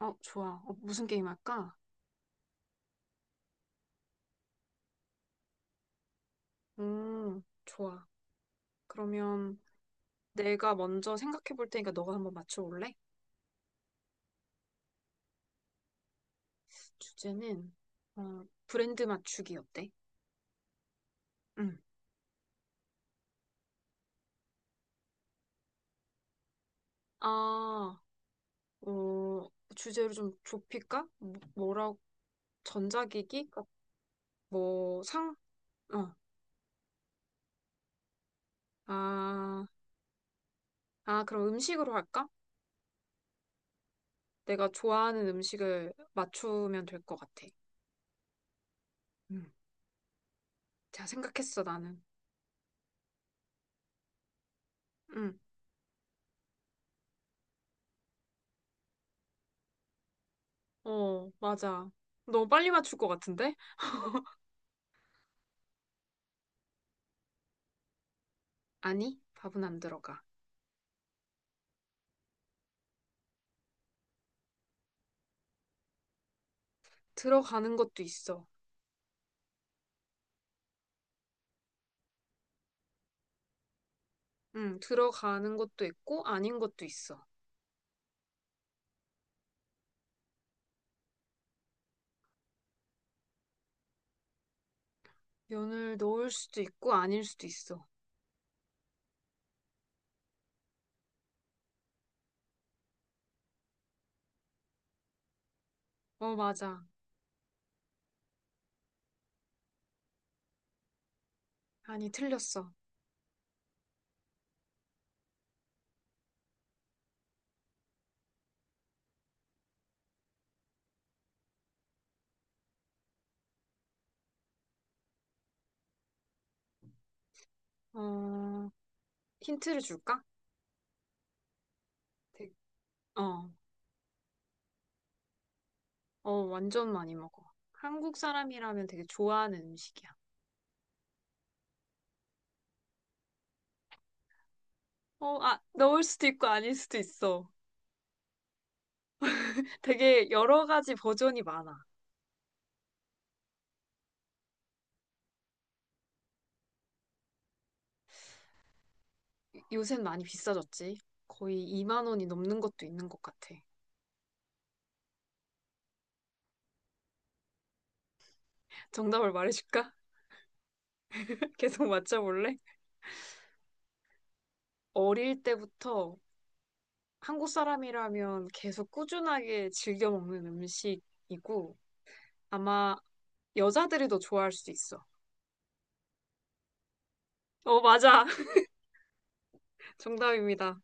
어, 좋아. 무슨 게임 할까? 좋아. 그러면 내가 먼저 생각해 볼 테니까 너가 한번 맞춰 볼래? 주제는 브랜드 맞추기 어때? 응. 아, 주제를 좀 좁힐까? 뭐라고 전자기기? 뭐 상? 어. 아, 그럼 음식으로 할까? 내가 좋아하는 음식을 맞추면 될 것 같아. 음. 자, 생각했어, 나는. 응. 어, 맞아. 너무 빨리 맞출 것 같은데? 아니, 밥은 안 들어가. 들어가는 것도 있어. 응, 들어가는 것도 있고, 아닌 것도 있어. 면을 넣을 수도 있고, 아닐 수도 있어. 어, 맞아. 아니, 틀렸어. 어, 힌트를 줄까? 되- 어, 어, 완전 많이 먹어. 한국 사람이라면 되게 좋아하는 음식이야. 넣을 수도 있고, 아닐 수도 있어. 되게 여러 가지 버전이 많아. 요새 많이 비싸졌지? 거의 2만 원이 넘는 것도 있는 것 같아. 정답을 말해줄까? 계속 맞춰볼래? 어릴 때부터 한국 사람이라면 계속 꾸준하게 즐겨 먹는 음식이고 아마 여자들이 더 좋아할 수도 있어. 어, 맞아. 정답입니다.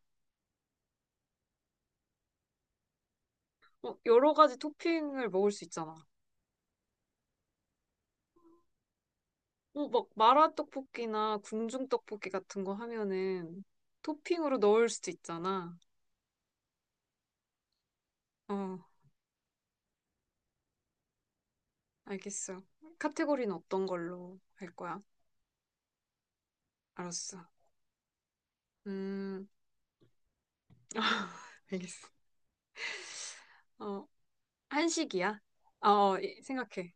여러 가지 토핑을 먹을 수 있잖아. 막 마라 떡볶이나 궁중 떡볶이 같은 거 하면은 토핑으로 넣을 수도 있잖아. 어, 알겠어. 카테고리는 어떤 걸로 할 거야? 알았어. 음, 알겠어. 어, 한식이야? 생각해.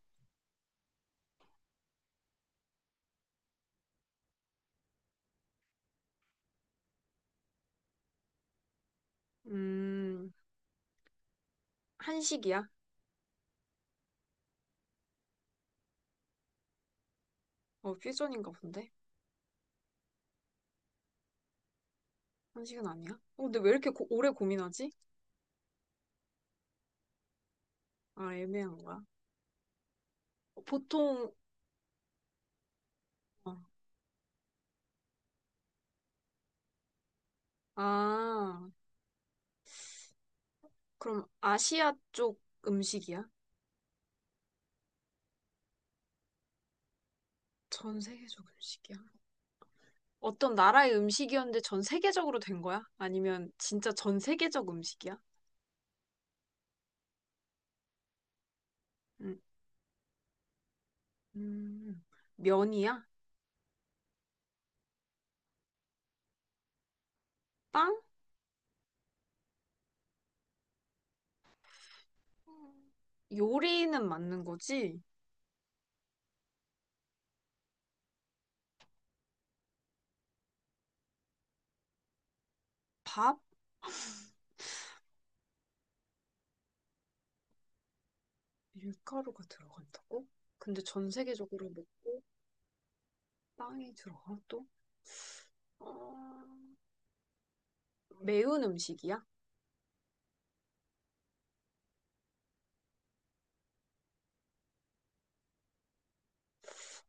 음, 한식이야? 퓨전인가 본데? 한식은 아니야? 근데 왜 이렇게 오래 고민하지? 아, 애매한 거야. 보통, 어. 아, 그럼 아시아 쪽 음식이야? 전 세계적 음식이야? 어떤 나라의 음식이었는데 전 세계적으로 된 거야? 아니면 진짜 전 세계적 음식이야? 음, 음, 면이야? 빵? 요리는 맞는 거지? 밥? 밀가루가 들어간다고? 근데 전 세계적으로 먹고 빵이 들어가 또? 어, 매운 음식이야?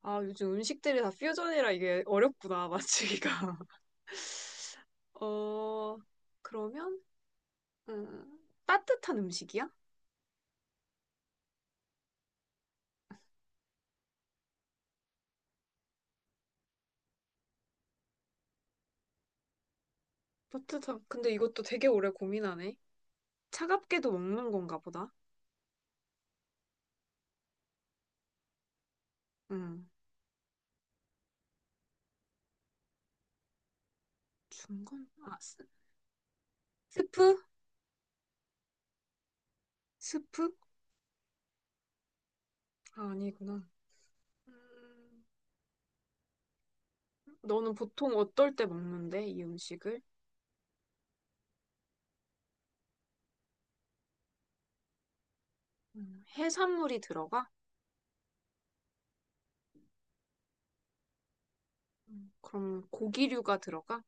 아, 요즘 음식들이 다 퓨전이라 이게 어렵구나, 맞추기가. 어, 그러면, 따뜻한 음식이야? 따뜻한, 근데 이것도 되게 오래 고민하네. 차갑게도 먹는 건가 보다. 음, 중간, 스프? 스프? 아, 아니구나. 음, 너는 보통 어떨 때 먹는데, 이 음식을? 해산물이 들어가? 그럼 고기류가 들어가?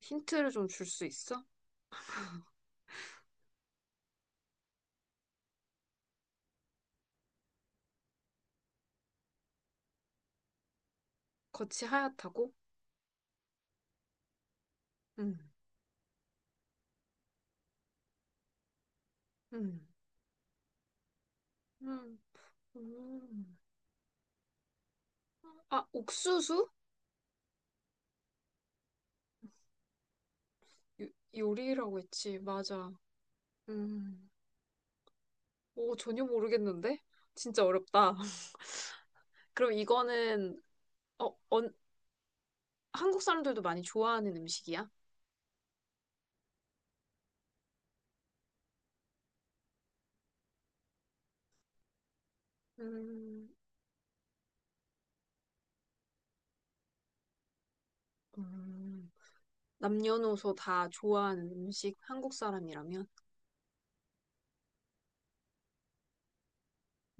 힌트를 좀 줄 수 있어? 겉이 하얗다고? 음, 음, 음, 음. 아, 옥수수? 요, 요리라고 했지. 맞아. 음. 오, 전혀 모르겠는데? 진짜 어렵다. 그럼 이거는, 어, 언- 한국 사람들도 많이 좋아하는 음식이야? 음, 음. 남녀노소 다 좋아하는 음식, 한국 사람이라면?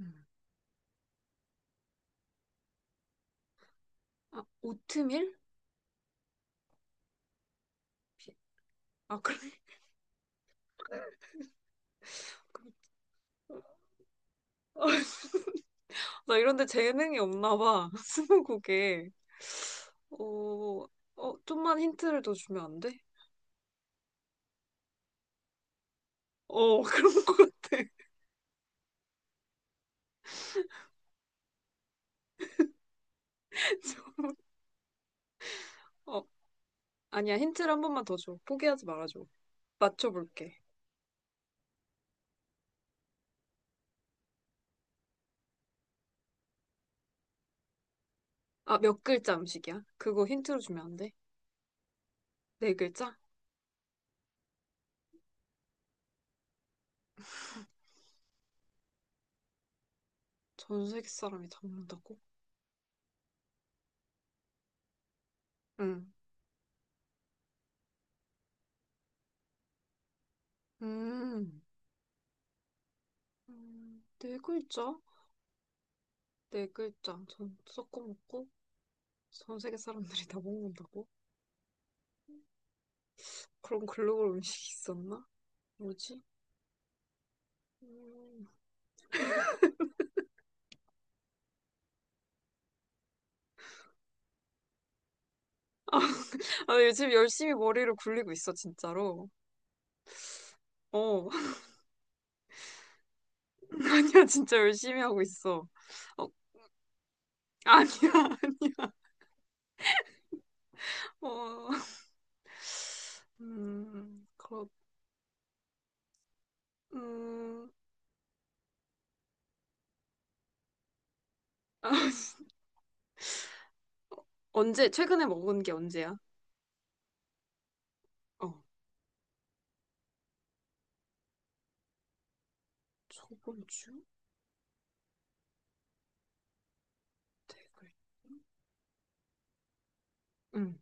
음. 아, 오트밀? 비- 아, 그래. 나 이런데 재능이 없나 봐. 스무고개. 어, 좀만 힌트를 더 주면 안 돼? 그런 것 같아. 어, 아니야. 힌트를 한 번만 더 줘. 포기하지 말아줘. 맞춰볼게. 아, 몇 글자 음식이야? 그거 힌트로 주면 안 돼? 네 글자? 전 세계 사람이 다 먹는다고? 응. 음, 네 글자? 네 글자. 전 섞어 먹고 전 세계 사람들이 다 먹는다고? 그런 글로벌 음식이 있었나? 뭐지? 음, 아, 요즘 열심히 머리를 굴리고 있어, 진짜로. 어, 아니야, 진짜 열심히 하고 있어. 어, 아니야, 아니야. 어, 음, 그렇, 음, 아, 최근에 먹은 게 언제야? 어, 저번 주? 되게. 응,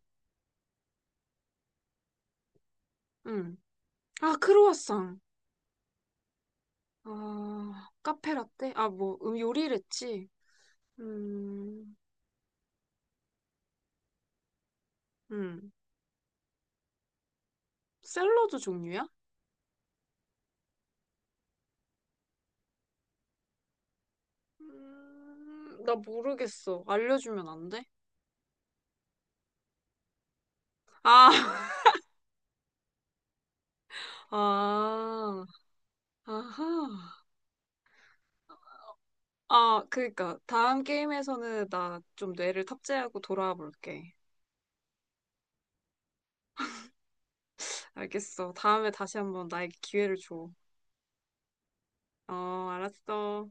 응. 아, 크로와상. 아, 카페라떼? 요리를 했지. 음, 음. 샐러드 종류야? 나 모르겠어. 알려주면 안 돼? 아, 아, 아하. 아, 그니까. 다음 게임에서는 나 좀 뇌를 탑재하고 돌아와 볼게. 알겠어. 다음에 다시 한번 나에게 기회를 줘. 어, 알았어.